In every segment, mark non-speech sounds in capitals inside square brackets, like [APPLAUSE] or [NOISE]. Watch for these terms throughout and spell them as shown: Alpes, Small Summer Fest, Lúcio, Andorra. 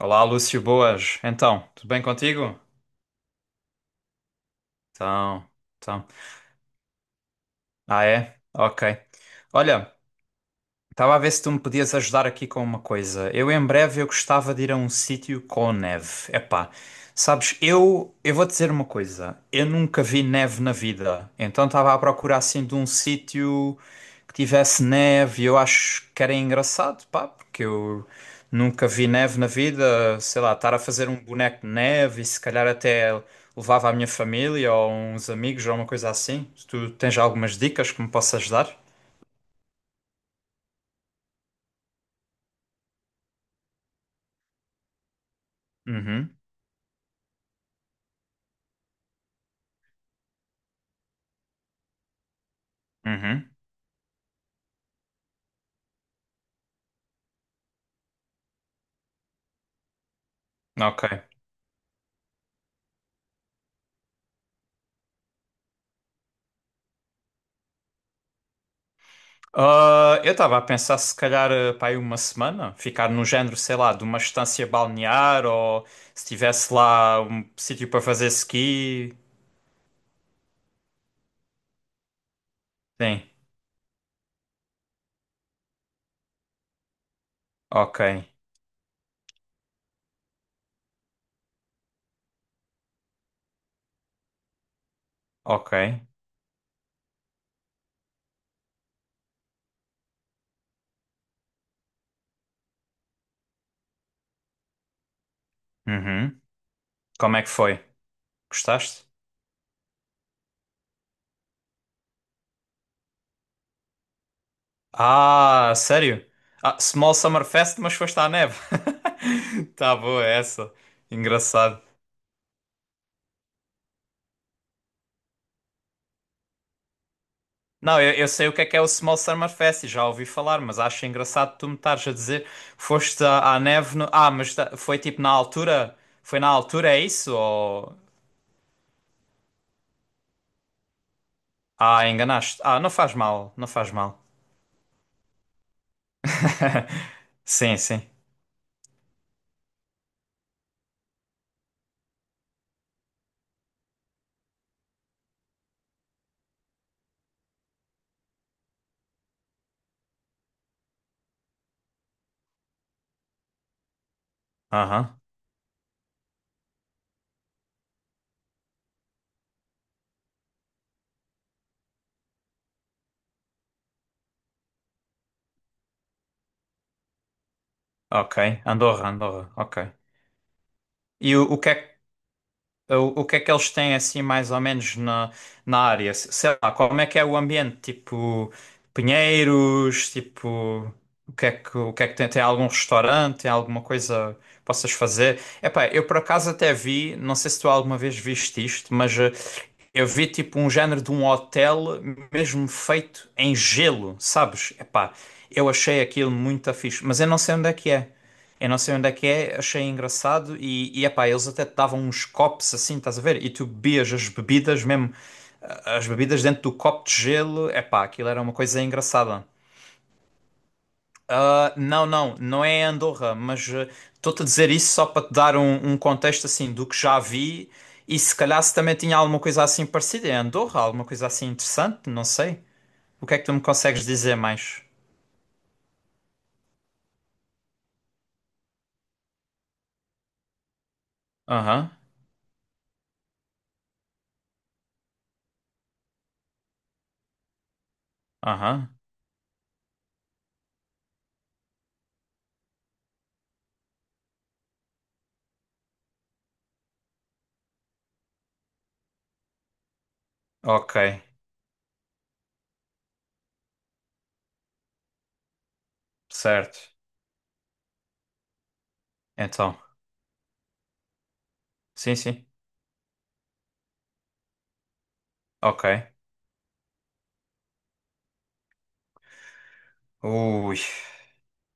Olá, Lúcio, boas. Então, tudo bem contigo? Então, então. Ah, é? Ok. Olha, estava a ver se tu me podias ajudar aqui com uma coisa. Eu em breve eu gostava de ir a um sítio com neve. Epá, sabes, eu vou dizer uma coisa. Eu nunca vi neve na vida. Então estava a procurar assim de um sítio que tivesse neve. Eu acho que era engraçado, pá, porque eu nunca vi neve na vida. Sei lá, estar a fazer um boneco de neve e se calhar até levava a minha família ou uns amigos ou uma coisa assim. Se tu tens algumas dicas que me possas dar? Uhum, uhum. Ok. Ah, eu estava a pensar se calhar para aí uma semana, ficar no género, sei lá, de uma estância balnear ou se tivesse lá um sítio para fazer ski. Sim. Ok. Ok. Uhum. Como é que foi? Gostaste? Ah, sério? Ah, Small Summer Fest, mas foste à neve. [LAUGHS] Tá boa essa. Engraçado. Não, eu sei o que é o Small Summer Fest, e já ouvi falar, mas acho engraçado tu me estares a dizer foste à, à neve no... Ah, mas foi tipo na altura? Foi na altura, é isso? Ou... Ah, enganaste. Ah, não faz mal, não faz mal. [LAUGHS] Sim, sim. Aham, ok. Andorra, Andorra, ok. E o, o que é que o que é que eles têm assim mais ou menos na, na área? Sei lá, como é que é o ambiente? Tipo, pinheiros, tipo, o que é que tem? Tem algum restaurante? Tem alguma coisa que possas fazer? Epá, eu por acaso até vi, não sei se tu alguma vez viste isto, mas eu vi tipo um género de um hotel mesmo feito em gelo, sabes? Epá, eu achei aquilo muito fixe, mas eu não sei onde é que é. Eu não sei onde é que é, achei engraçado e epá, eles até te davam uns copos assim, estás a ver? E tu bebias as bebidas mesmo, ah, as bebidas dentro do copo de gelo, epá, aquilo era uma coisa engraçada. Ah, não, não, não é Andorra, mas ah, estou-te a dizer isso só para te dar um contexto assim do que já vi e se calhar se também tinha alguma coisa assim parecida em Andorra, alguma coisa assim interessante, não sei. O que é que tu me consegues dizer mais? Aham, aham, ok, certo. Então, sim, sim, ok. Ui,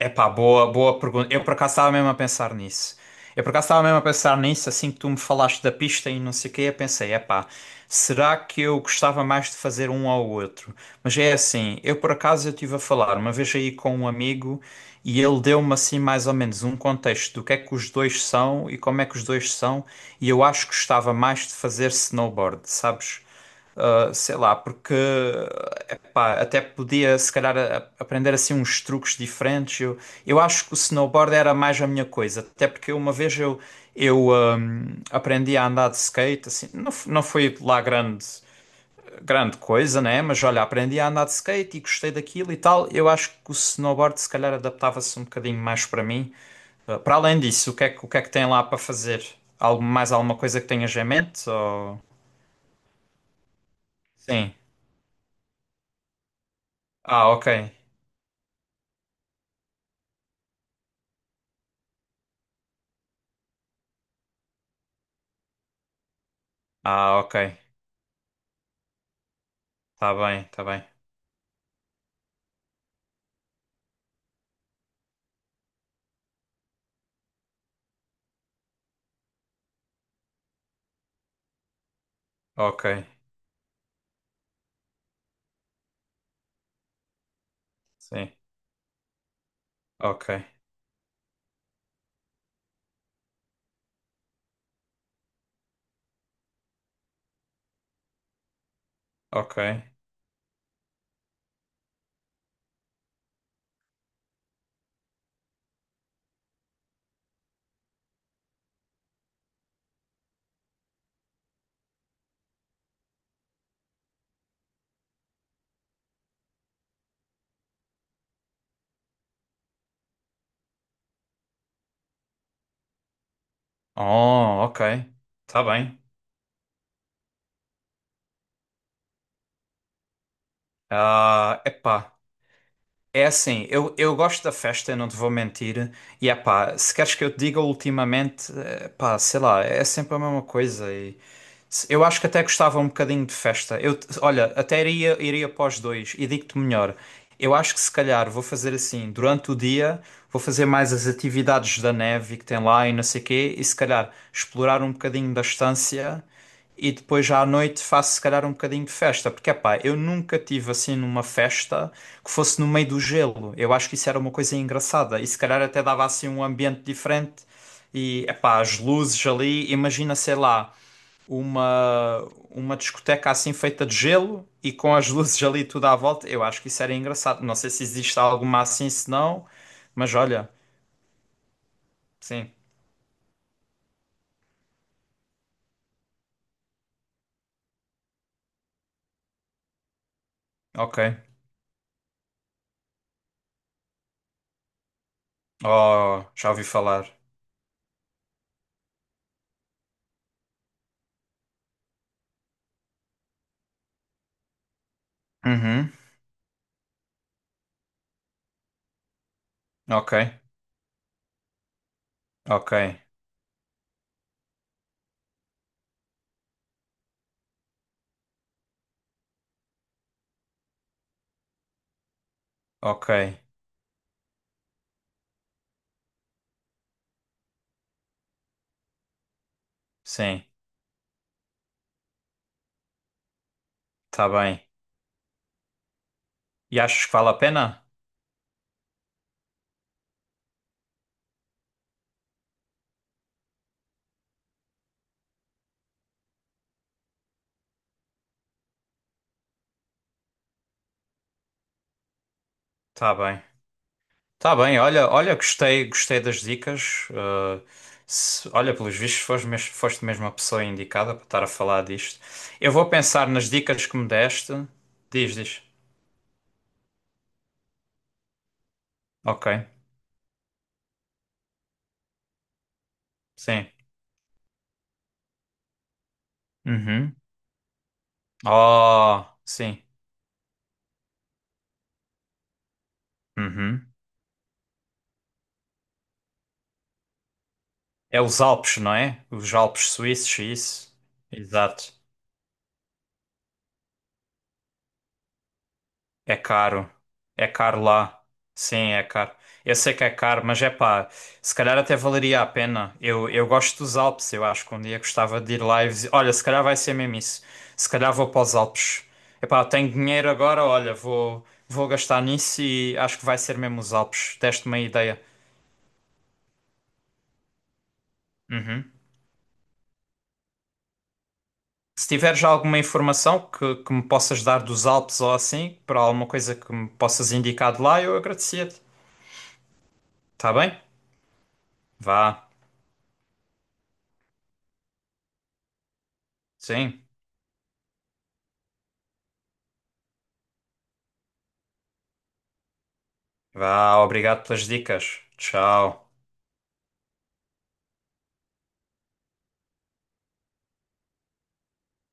epá, boa pergunta. Eu por acaso estava mesmo a pensar nisso. Eu por acaso estava mesmo a pensar nisso, assim que tu me falaste da pista e não sei o quê, eu pensei, epá, será que eu gostava mais de fazer um ao outro? Mas é assim, eu por acaso eu estive a falar uma vez aí com um amigo e ele deu-me assim mais ou menos um contexto do que é que os dois são e como é que os dois são, e eu acho que gostava mais de fazer snowboard, sabes? Sei lá, porque epá, até podia se calhar aprender assim uns truques diferentes. Eu acho que o snowboard era mais a minha coisa, até porque uma vez aprendi a andar de skate, assim, não, não foi lá grande coisa, né? Mas olha, aprendi a andar de skate e gostei daquilo e tal. Eu acho que o snowboard se calhar adaptava-se um bocadinho mais para mim. Para além disso, o que é que tem lá para fazer? Algo, mais alguma coisa que tenhas em mente? Ou... Sim. Ah, ok. Ah, ok. Tá bem, tá bem. Ok. Sim. Ok. Ok. Oh, ok. Tá bem. Ah, epá. É assim, eu gosto da festa, eu não te vou mentir. E epá, se queres que eu te diga ultimamente, pá, sei lá, é sempre a mesma coisa. Eu acho que até gostava um bocadinho de festa. Olha, até iria para dois e digo-te melhor. Eu acho que se calhar vou fazer assim, durante o dia, vou fazer mais as atividades da neve que tem lá e não sei quê, e se calhar explorar um bocadinho da estância e depois já à noite faço se calhar um bocadinho de festa, porque epá, eu nunca tive assim numa festa que fosse no meio do gelo. Eu acho que isso era uma coisa engraçada e se calhar até dava assim um ambiente diferente e epá, as luzes ali, imagina, sei lá uma, uma discoteca assim feita de gelo e com as [LAUGHS] luzes ali tudo à volta. Eu acho que isso era engraçado. Não sei se existe alguma assim, se não, mas olha, sim, ok. Oh, já ouvi falar. Uhum, ok, ok, ok, sim, tá bem. E achas que vale a pena? Tá bem. Tá bem, olha, olha, gostei, gostei das dicas. Olha, pelos vistos, foste foste mesmo a pessoa indicada para estar a falar disto. Eu vou pensar nas dicas que me deste. Diz, diz. Ok, sim. Uhum. Oh, sim. Uhum. É os Alpes, não é? Os Alpes suíços, isso. Exato. É caro. É caro lá. Sim, é caro. Eu sei que é caro, mas é pá, se calhar até valeria a pena. Eu gosto dos Alpes, eu acho que um dia gostava de ir lá e olha, se calhar vai ser mesmo isso. Se calhar vou para os Alpes. É pá, tenho dinheiro agora, olha, vou gastar nisso e acho que vai ser mesmo os Alpes. Deste uma ideia. Uhum. Se tiveres alguma informação que me possas dar dos Alpes ou assim, para alguma coisa que me possas indicar de lá, eu agradecia-te. Tá bem? Vá. Sim. Vá, obrigado pelas dicas. Tchau.